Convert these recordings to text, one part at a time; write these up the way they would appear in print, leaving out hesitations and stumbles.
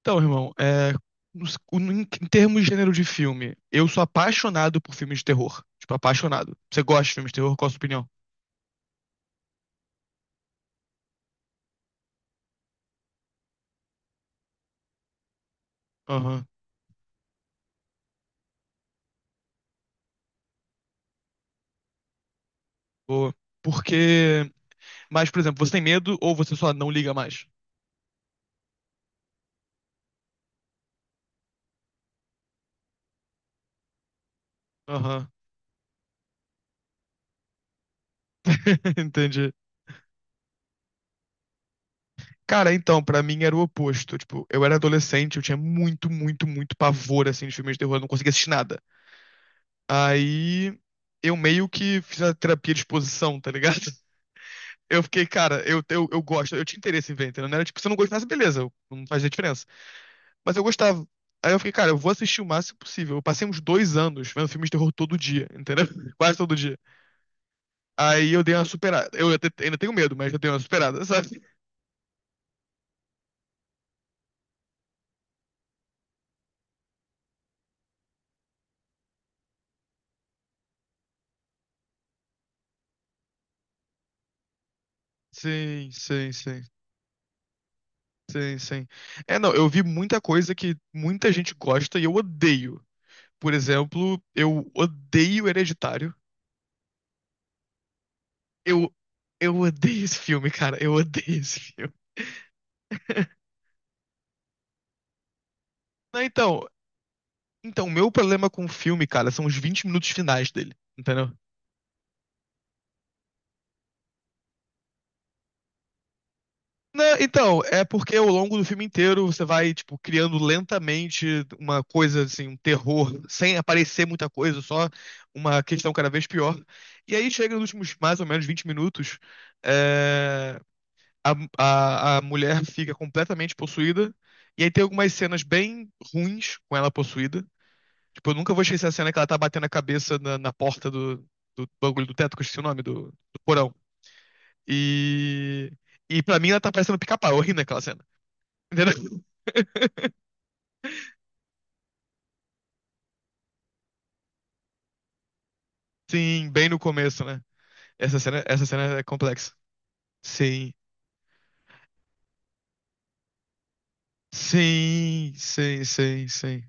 Então, irmão, em termos de gênero de filme, eu sou apaixonado por filmes de terror. Tipo, apaixonado. Você gosta de filmes de terror? Qual a sua opinião? Aham, boa. Porque. Mas, por exemplo, você tem medo ou você só não liga mais? Aham, entendi. Cara, então, pra mim era o oposto. Tipo, eu era adolescente, eu tinha muito, muito, muito pavor, assim, de filmes de terror, eu não conseguia assistir nada. Aí. Eu meio que fiz a terapia de exposição, tá ligado? Eu fiquei, cara, eu gosto, eu tinha interesse em ver, entendeu? Não era tipo, se eu não gostasse, beleza, não fazia diferença. Mas eu gostava. Aí eu fiquei, cara, eu vou assistir o máximo possível. Eu passei uns dois anos vendo filmes de terror todo dia, entendeu? Quase todo dia. Aí eu dei uma superada. Ainda tenho medo, mas eu dei uma superada, sabe? Sim, sim, sim. Sim, sim. É, não, eu vi muita coisa que muita gente gosta e eu odeio. Por exemplo, eu odeio Hereditário. Eu, eu odeio esse filme, cara. Eu odeio esse filme. Não, então, Então, o meu problema com o filme, cara, são os 20 minutos finais dele, entendeu? Não, então, é porque ao longo do filme inteiro você vai, tipo, criando lentamente uma coisa, assim, um terror, sem aparecer muita coisa, só uma questão cada vez pior. E aí chega nos últimos mais ou menos 20 minutos, é, a, a mulher fica completamente possuída, e aí tem algumas cenas bem ruins com ela possuída. Tipo, eu nunca vou esquecer a cena que ela tá batendo a cabeça na porta do bagulho do teto, que eu esqueci o nome, do porão. E. E pra mim ela tá parecendo um pica-pau, eu ri naquela cena. Entendeu? Sim, bem no começo, né? Essa cena é complexa. Sim. Sim, sim, sim, sim.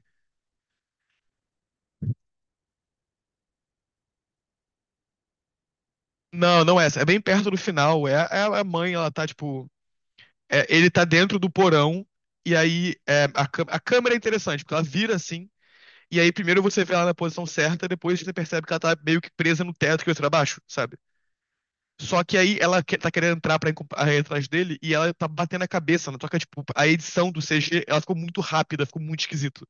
Não, não é essa. É bem perto do final. É, é a mãe, ela tá, tipo. É, ele tá dentro do porão. E aí a câmera é interessante, porque ela vira assim. E aí primeiro você vê ela na posição certa, depois você percebe que ela tá meio que presa no teto que vai pra baixo, sabe? Só que aí tá querendo entrar pra ir aí atrás dele e ela tá batendo a cabeça, né? Só que, tipo, a edição do CG, ela ficou muito rápida, ficou muito esquisito.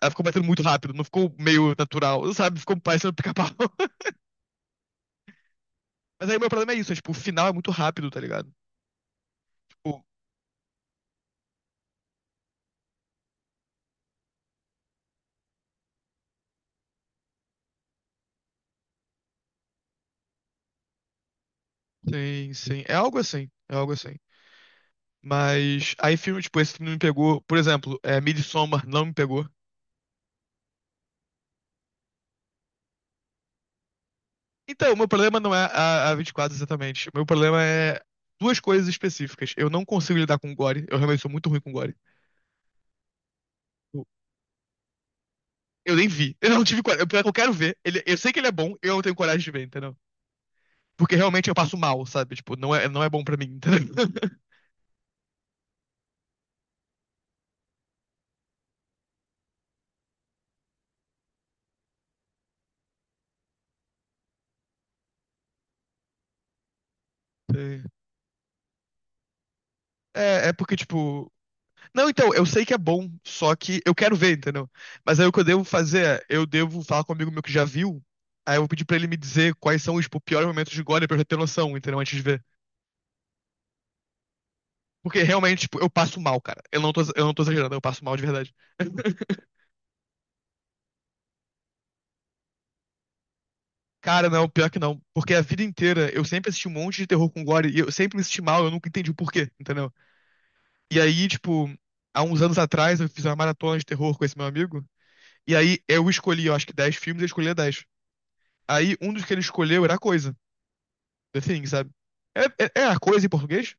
Ela ficou batendo muito rápido, não ficou meio natural, sabe? Ficou parecendo pica-pau. Mas aí o meu problema é isso, é, tipo, o final é muito rápido, tá ligado? Tipo, sim, sim. É algo assim, é algo assim. Mas aí filme, tipo, esse filme me pegou, por exemplo, é, Midsommar não me pegou. Então, o meu problema não é a 24 exatamente. O meu problema é duas coisas específicas. Eu não consigo lidar com gore, eu realmente sou muito ruim com gore. Eu nem vi. Eu não tive coragem. Eu quero ver. Ele, eu sei que ele é bom, eu não tenho coragem de ver, entendeu? Porque realmente eu passo mal, sabe? Tipo, não é bom pra mim, entendeu? Sei. É, é porque, tipo. Não, então, eu sei que é bom, só que eu quero ver, entendeu? Mas aí o que eu devo fazer é, eu devo falar com um amigo meu que já viu, aí eu vou pedir pra ele me dizer quais são os, tipo, piores momentos de gore pra eu já ter noção, entendeu? Antes de ver. Porque realmente, tipo, eu passo mal, cara. Eu não tô exagerando, eu passo mal de verdade. Cara, não, pior que não. Porque a vida inteira eu sempre assisti um monte de terror com gore e eu sempre me senti mal, eu nunca entendi o porquê, entendeu? E aí, tipo, há uns anos atrás eu fiz uma maratona de terror com esse meu amigo. E aí eu escolhi, eu acho que 10 filmes, ele escolhia 10. Aí um dos que ele escolheu era a coisa, The Thing, sabe? É a coisa em português?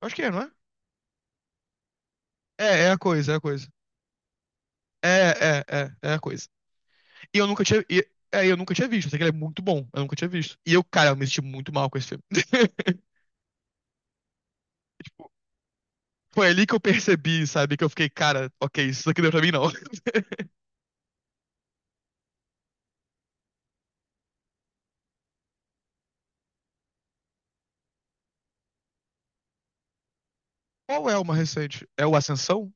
Acho que é, não é? É a coisa, é a coisa. É, é a coisa. E eu nunca tinha. Eu nunca tinha visto. Eu sei que ele é muito bom. Eu nunca tinha visto. E eu, cara, eu me senti muito mal com esse filme. Foi ali que eu percebi, sabe? Que eu fiquei, cara, ok, isso daqui não é pra mim, não. Qual é uma recente? É o Ascensão?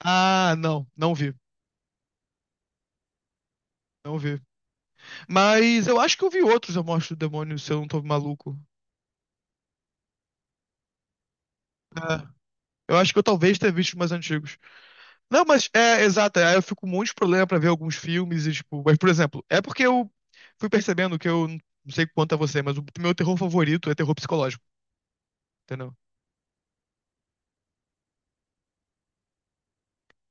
Ah, não, não vi. Mas eu acho que eu vi outros Eu Mostro o Demônio, se eu não tô maluco. É, eu acho que eu talvez tenha visto os mais antigos. Não, mas é, exato, aí eu fico com um monte de problema pra ver alguns filmes e, tipo... Mas, por exemplo, é porque eu fui percebendo que eu... Não sei quanto a você, mas o meu terror favorito é terror psicológico, entendeu?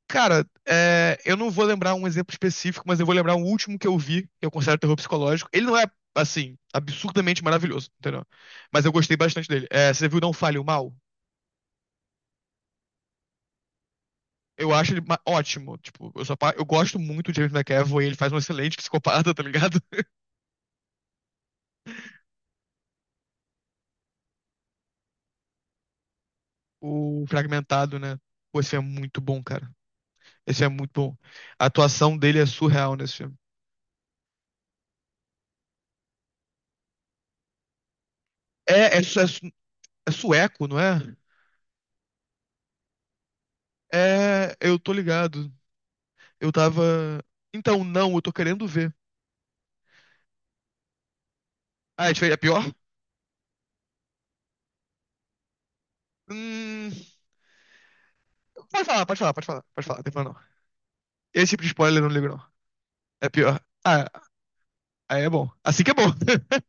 Cara, é, eu não vou lembrar um exemplo específico, mas eu vou lembrar um último que eu vi, que eu considero terror psicológico. Ele não é, assim, absurdamente maravilhoso, entendeu? Mas eu gostei bastante dele. É, você viu Não Fale o Mal? Eu acho ele ma- Ótimo. Tipo, eu gosto muito de James McAvoy, ele faz um excelente psicopata, tá ligado? O Fragmentado, né? Pô, esse é muito bom, cara. Esse é muito bom. A atuação dele é surreal nesse filme. É, é, su- é su- É sueco, não é? É, eu tô ligado. Eu tava. Então, não, eu tô querendo ver. Ah, a gente fez a pior? Hum, pode falar, pode falar, pode falar, pode falar, não tem problema não. Esse tipo de spoiler eu não ligo não. É pior. Ah, aí é bom. Assim que é bom.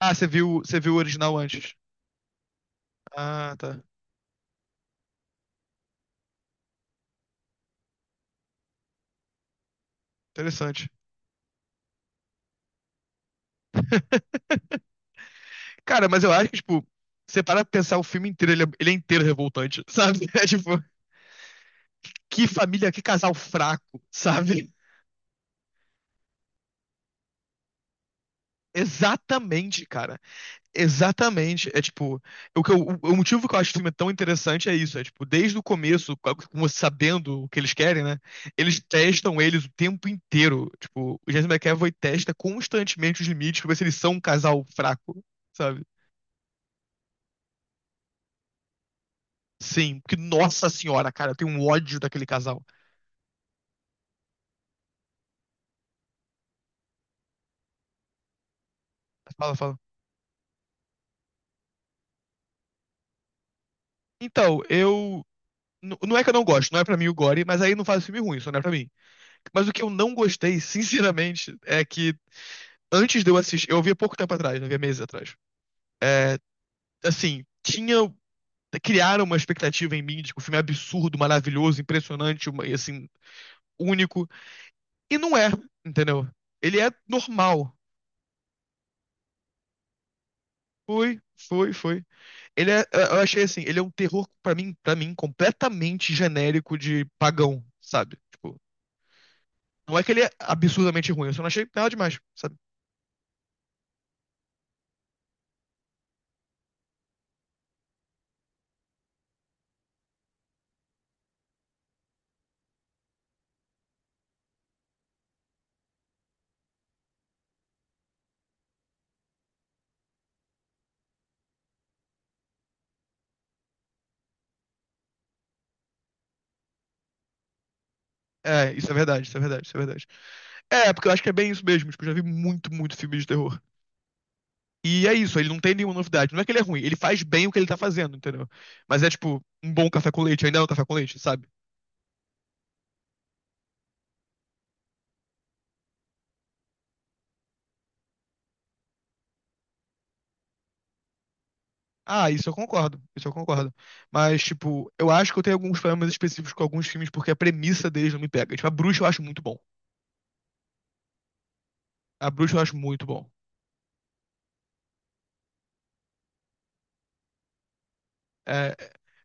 Ah, você viu o original antes. Ah, tá. Interessante. Cara, mas eu acho que, tipo, você para pra pensar o filme inteiro, ele é inteiro revoltante, sabe? É tipo, que família, que casal fraco, sabe? Exatamente, cara. Exatamente. É tipo, o motivo que eu acho o filme tão interessante é isso. É tipo, desde o começo, com você sabendo o que eles querem, né? Eles testam eles o tempo inteiro. Tipo, o James McAvoy testa constantemente os limites pra ver se eles são um casal fraco, sabe? Sim, porque, nossa senhora, cara, eu tenho um ódio daquele casal. Fala, fala. Então, eu. N- Não é que eu não gosto, não é pra mim o Gore, mas aí não faz filme ruim, só não é pra mim. Mas o que eu não gostei, sinceramente, é que antes de eu assistir, eu vi há pouco tempo atrás, né? Eu vi há meses atrás. Assim, tinha. Criaram uma expectativa em mim de que o filme é absurdo, maravilhoso, impressionante, assim, único. E não é, entendeu? Ele é normal. Foi, foi, foi. Ele é, eu achei assim, ele é um terror pra mim, para mim completamente genérico de pagão, sabe? Tipo, não é que ele é absurdamente ruim, eu só não achei nada demais, sabe? É, isso é verdade, isso é verdade, isso é verdade. É, porque eu acho que é bem isso mesmo, tipo, eu já vi muito, muito filme de terror. E é isso, ele não tem nenhuma novidade. Não é que ele é ruim, ele faz bem o que ele tá fazendo, entendeu? Mas é tipo, um bom café com leite ainda é um café com leite, sabe? Ah, isso eu concordo, isso eu concordo. Mas, tipo, eu acho que eu tenho alguns problemas específicos com alguns filmes porque a premissa deles não me pega. Tipo, a Bruxa eu acho muito bom. A Bruxa eu acho muito bom. É,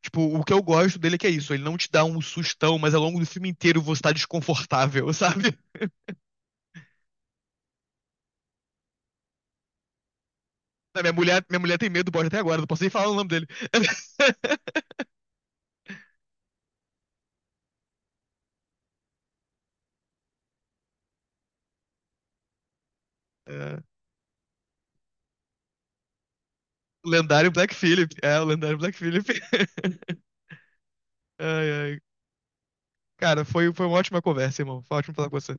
tipo, o que eu gosto dele é que é isso, ele não te dá um sustão, mas ao longo do filme inteiro você tá desconfortável, sabe? Minha mulher tem medo do bode até agora, não posso nem falar o nome dele. É, o lendário Black Phillip. É, o lendário Black Phillip. Ai, ai. Cara, foi uma ótima conversa, irmão. Foi ótimo falar com você.